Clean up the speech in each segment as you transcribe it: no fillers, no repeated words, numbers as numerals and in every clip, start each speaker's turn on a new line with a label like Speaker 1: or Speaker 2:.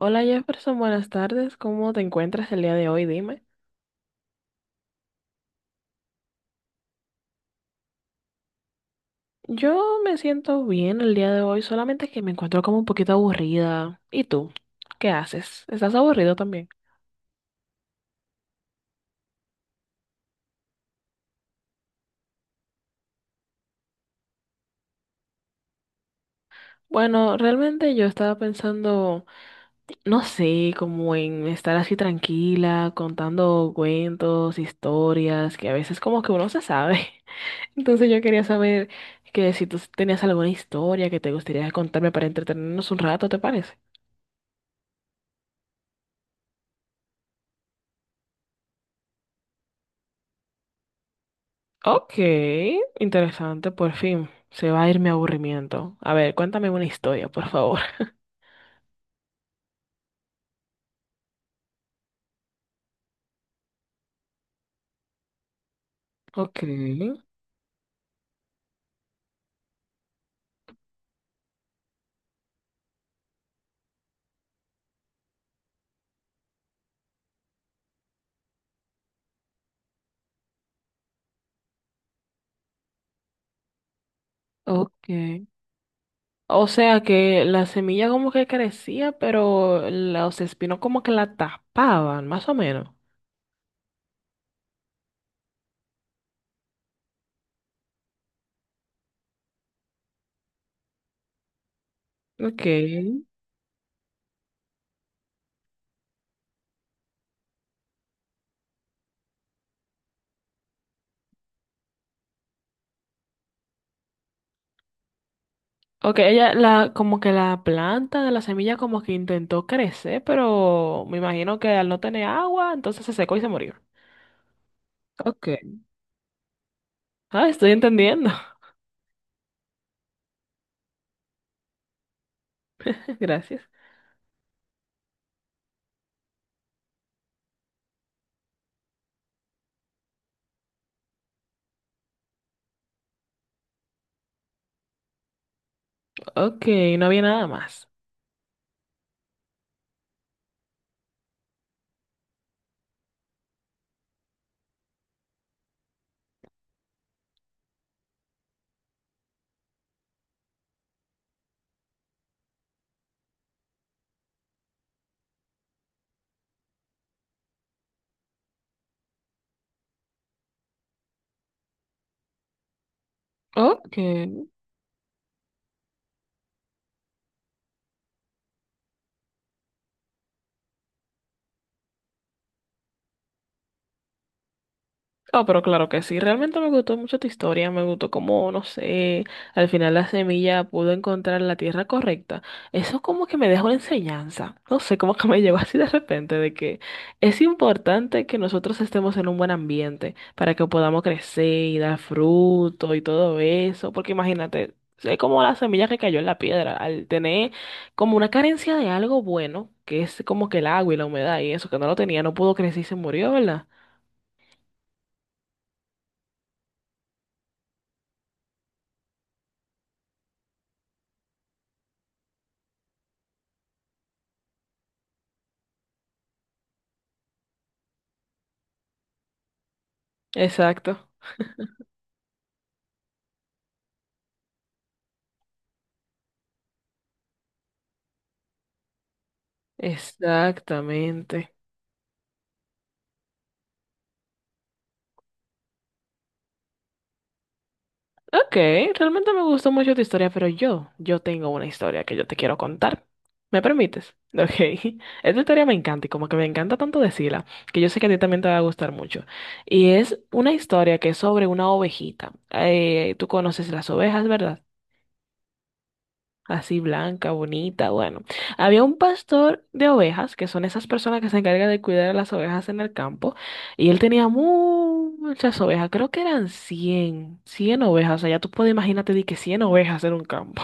Speaker 1: Hola Jefferson, buenas tardes. ¿Cómo te encuentras el día de hoy? Dime. Yo me siento bien el día de hoy, solamente que me encuentro como un poquito aburrida. ¿Y tú? ¿Qué haces? ¿Estás aburrido también? Bueno, realmente yo estaba pensando, no sé, como en estar así tranquila, contando cuentos, historias, que a veces como que uno se sabe. Entonces yo quería saber que si tú tenías alguna historia que te gustaría contarme para entretenernos un rato, ¿te parece? Ok, interesante, por fin. Se va a ir mi aburrimiento. A ver, cuéntame una historia, por favor. Ok, ok. O sea que la semilla como que crecía, pero los espinos como que la tapaban, más o menos. Ok. Ok, ella la, como que la planta de la semilla como que intentó crecer, pero me imagino que al no tener agua, entonces se secó y se murió. Ok. Ah, estoy entendiendo. Gracias. Ok, no había nada más. Ok. Oh, pero claro que sí. Realmente me gustó mucho tu historia. Me gustó cómo, no sé, al final la semilla pudo encontrar la tierra correcta. Eso como que me dejó una enseñanza. No sé, como que me llegó así de repente de que es importante que nosotros estemos en un buen ambiente para que podamos crecer y dar fruto y todo eso. Porque imagínate, es como la semilla que cayó en la piedra. Al tener como una carencia de algo bueno, que es como que el agua y la humedad y eso que no lo tenía, no pudo crecer y se murió, ¿verdad? Exacto. Exactamente. Ok, realmente me gustó mucho tu historia, pero yo tengo una historia que yo te quiero contar. ¿Me permites? Ok. Esta historia me encanta y como que me encanta tanto decirla, que yo sé que a ti también te va a gustar mucho. Y es una historia que es sobre una ovejita. Tú conoces las ovejas, ¿verdad? Así blanca, bonita, bueno. Había un pastor de ovejas, que son esas personas que se encargan de cuidar a las ovejas en el campo, y él tenía muchas ovejas, creo que eran cien ovejas, o sea, ya tú puedes imagínate de que 100 ovejas en un campo.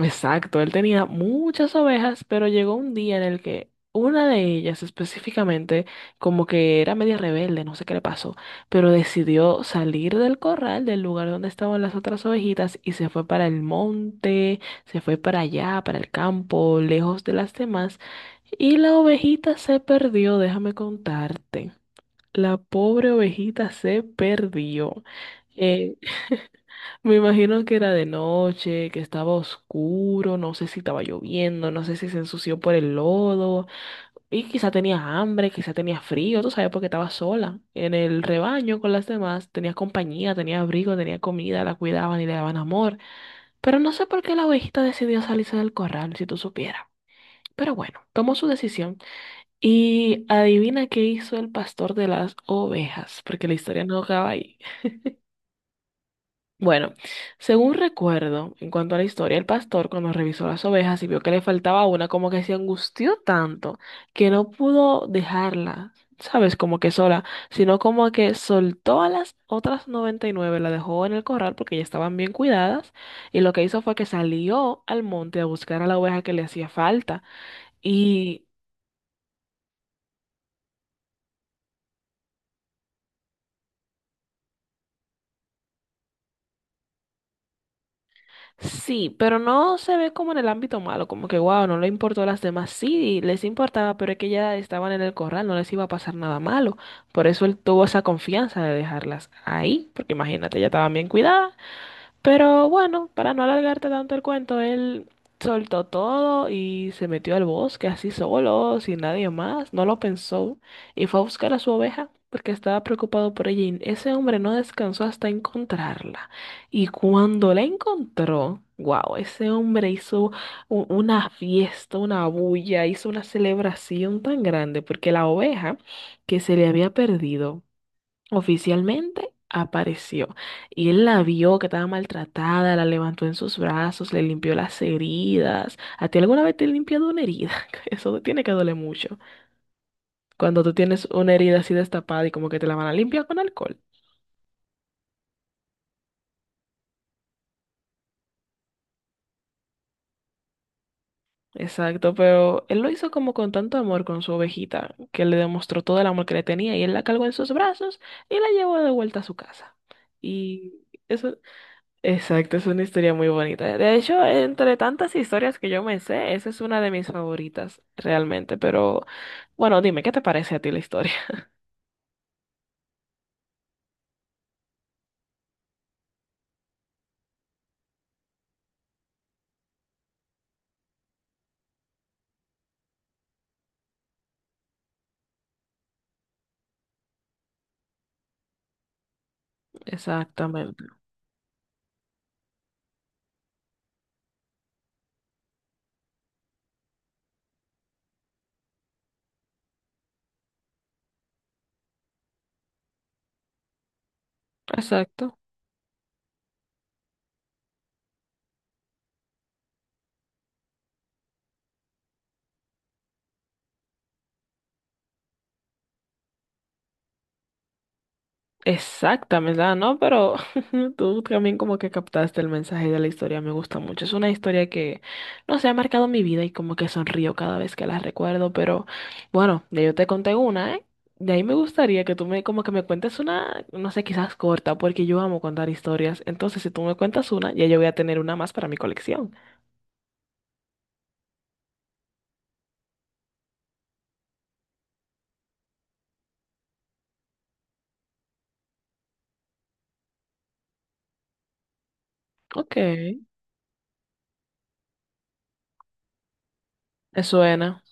Speaker 1: Exacto, él tenía muchas ovejas, pero llegó un día en el que una de ellas específicamente, como que era media rebelde, no sé qué le pasó, pero decidió salir del corral, del lugar donde estaban las otras ovejitas, y se fue para el monte, se fue para allá, para el campo, lejos de las demás, y la ovejita se perdió, déjame contarte. La pobre ovejita se perdió. Eh, Me imagino que era de noche, que estaba oscuro, no sé si estaba lloviendo, no sé si se ensució por el lodo, y quizá tenía hambre, quizá tenía frío, tú sabes, porque estaba sola en el rebaño con las demás, tenía compañía, tenía abrigo, tenía comida, la cuidaban y le daban amor, pero no sé por qué la ovejita decidió salirse del corral, si tú supieras. Pero bueno, tomó su decisión y adivina qué hizo el pastor de las ovejas, porque la historia no acaba ahí. Bueno, según recuerdo, en cuanto a la historia, el pastor, cuando revisó las ovejas y vio que le faltaba una, como que se angustió tanto que no pudo dejarla, ¿sabes? Como que sola, sino como que soltó a las otras 99, la dejó en el corral porque ya estaban bien cuidadas, y lo que hizo fue que salió al monte a buscar a la oveja que le hacía falta. Sí, pero no se ve como en el ámbito malo, como que wow, no le importó a las demás. Sí, les importaba, pero es que ya estaban en el corral, no les iba a pasar nada malo. Por eso él tuvo esa confianza de dejarlas ahí, porque imagínate, ya estaban bien cuidadas. Pero bueno, para no alargarte tanto el cuento, él soltó todo y se metió al bosque así solo, sin nadie más, no lo pensó y fue a buscar a su oveja porque estaba preocupado por ella y ese hombre no descansó hasta encontrarla. Y cuando la encontró, wow, ese hombre hizo una fiesta, una bulla, hizo una celebración tan grande porque la oveja que se le había perdido. Oficialmente apareció y él la vio que estaba maltratada, la levantó en sus brazos, le limpió las heridas. ¿A ti alguna vez te han limpiado una herida? Eso te tiene que doler mucho. Cuando tú tienes una herida así destapada y como que te la van a limpiar con alcohol. Exacto, pero él lo hizo como con tanto amor con su ovejita, que le demostró todo el amor que le tenía y él la cargó en sus brazos y la llevó de vuelta a su casa. Y eso, exacto, es una historia muy bonita. De hecho, entre tantas historias que yo me sé, esa es una de mis favoritas realmente. Pero bueno, dime, ¿qué te parece a ti la historia? Exactamente. Exacto. Exactamente, ¿verdad? ¿No? Pero tú también como que captaste el mensaje de la historia, me gusta mucho. Es una historia que, no sé, ha marcado mi vida y como que sonrío cada vez que la recuerdo, pero bueno, ya yo te conté una, ¿eh? De ahí me gustaría que tú me como que me cuentes una, no sé, quizás corta, porque yo amo contar historias. Entonces, si tú me cuentas una, ya yo voy a tener una más para mi colección. Ok, me suena.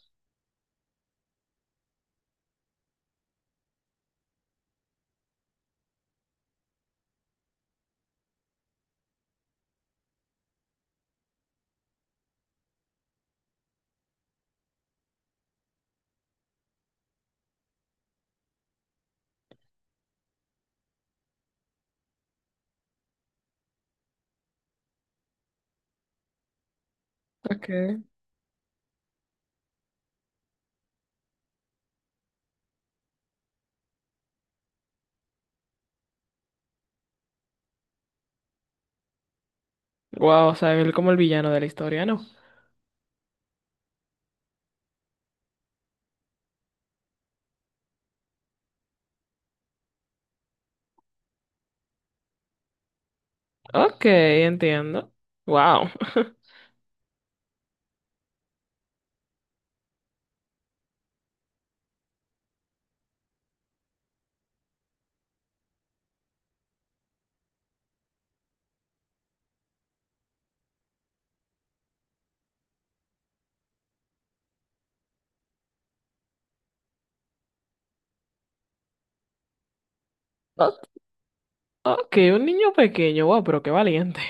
Speaker 1: Ok. Wow, o sea, él como el villano de la historia, ¿no? Ok, entiendo. Wow. Ok, un niño pequeño, wow, pero qué valiente.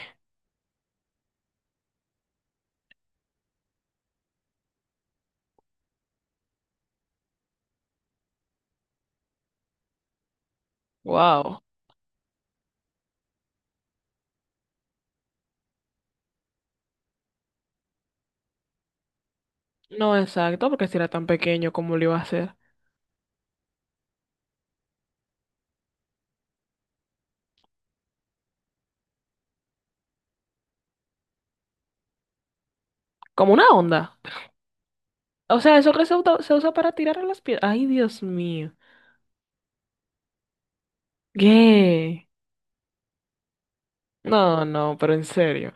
Speaker 1: Wow. No, exacto, porque si era tan pequeño, ¿cómo lo iba a hacer? Como una onda. O sea, eso que se usa para tirar a las piedras. Ay, Dios mío. ¿Qué? No, no, pero en serio.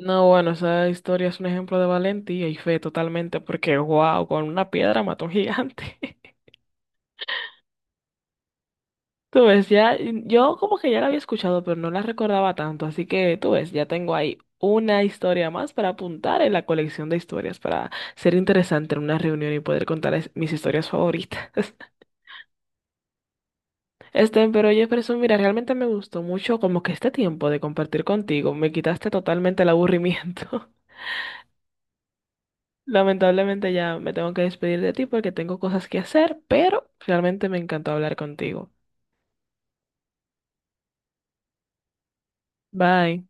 Speaker 1: No, bueno, esa historia es un ejemplo de valentía y fe totalmente, porque wow, con una piedra mató a un gigante. Tú ves, ya, yo como que ya la había escuchado, pero no la recordaba tanto, así que tú ves, ya tengo ahí una historia más para apuntar en la colección de historias, para ser interesante en una reunión y poder contar mis historias favoritas. Este, pero oye, Person, mira, realmente me gustó mucho como que este tiempo de compartir contigo, me quitaste totalmente el aburrimiento. Lamentablemente ya me tengo que despedir de ti porque tengo cosas que hacer, pero realmente me encantó hablar contigo. Bye.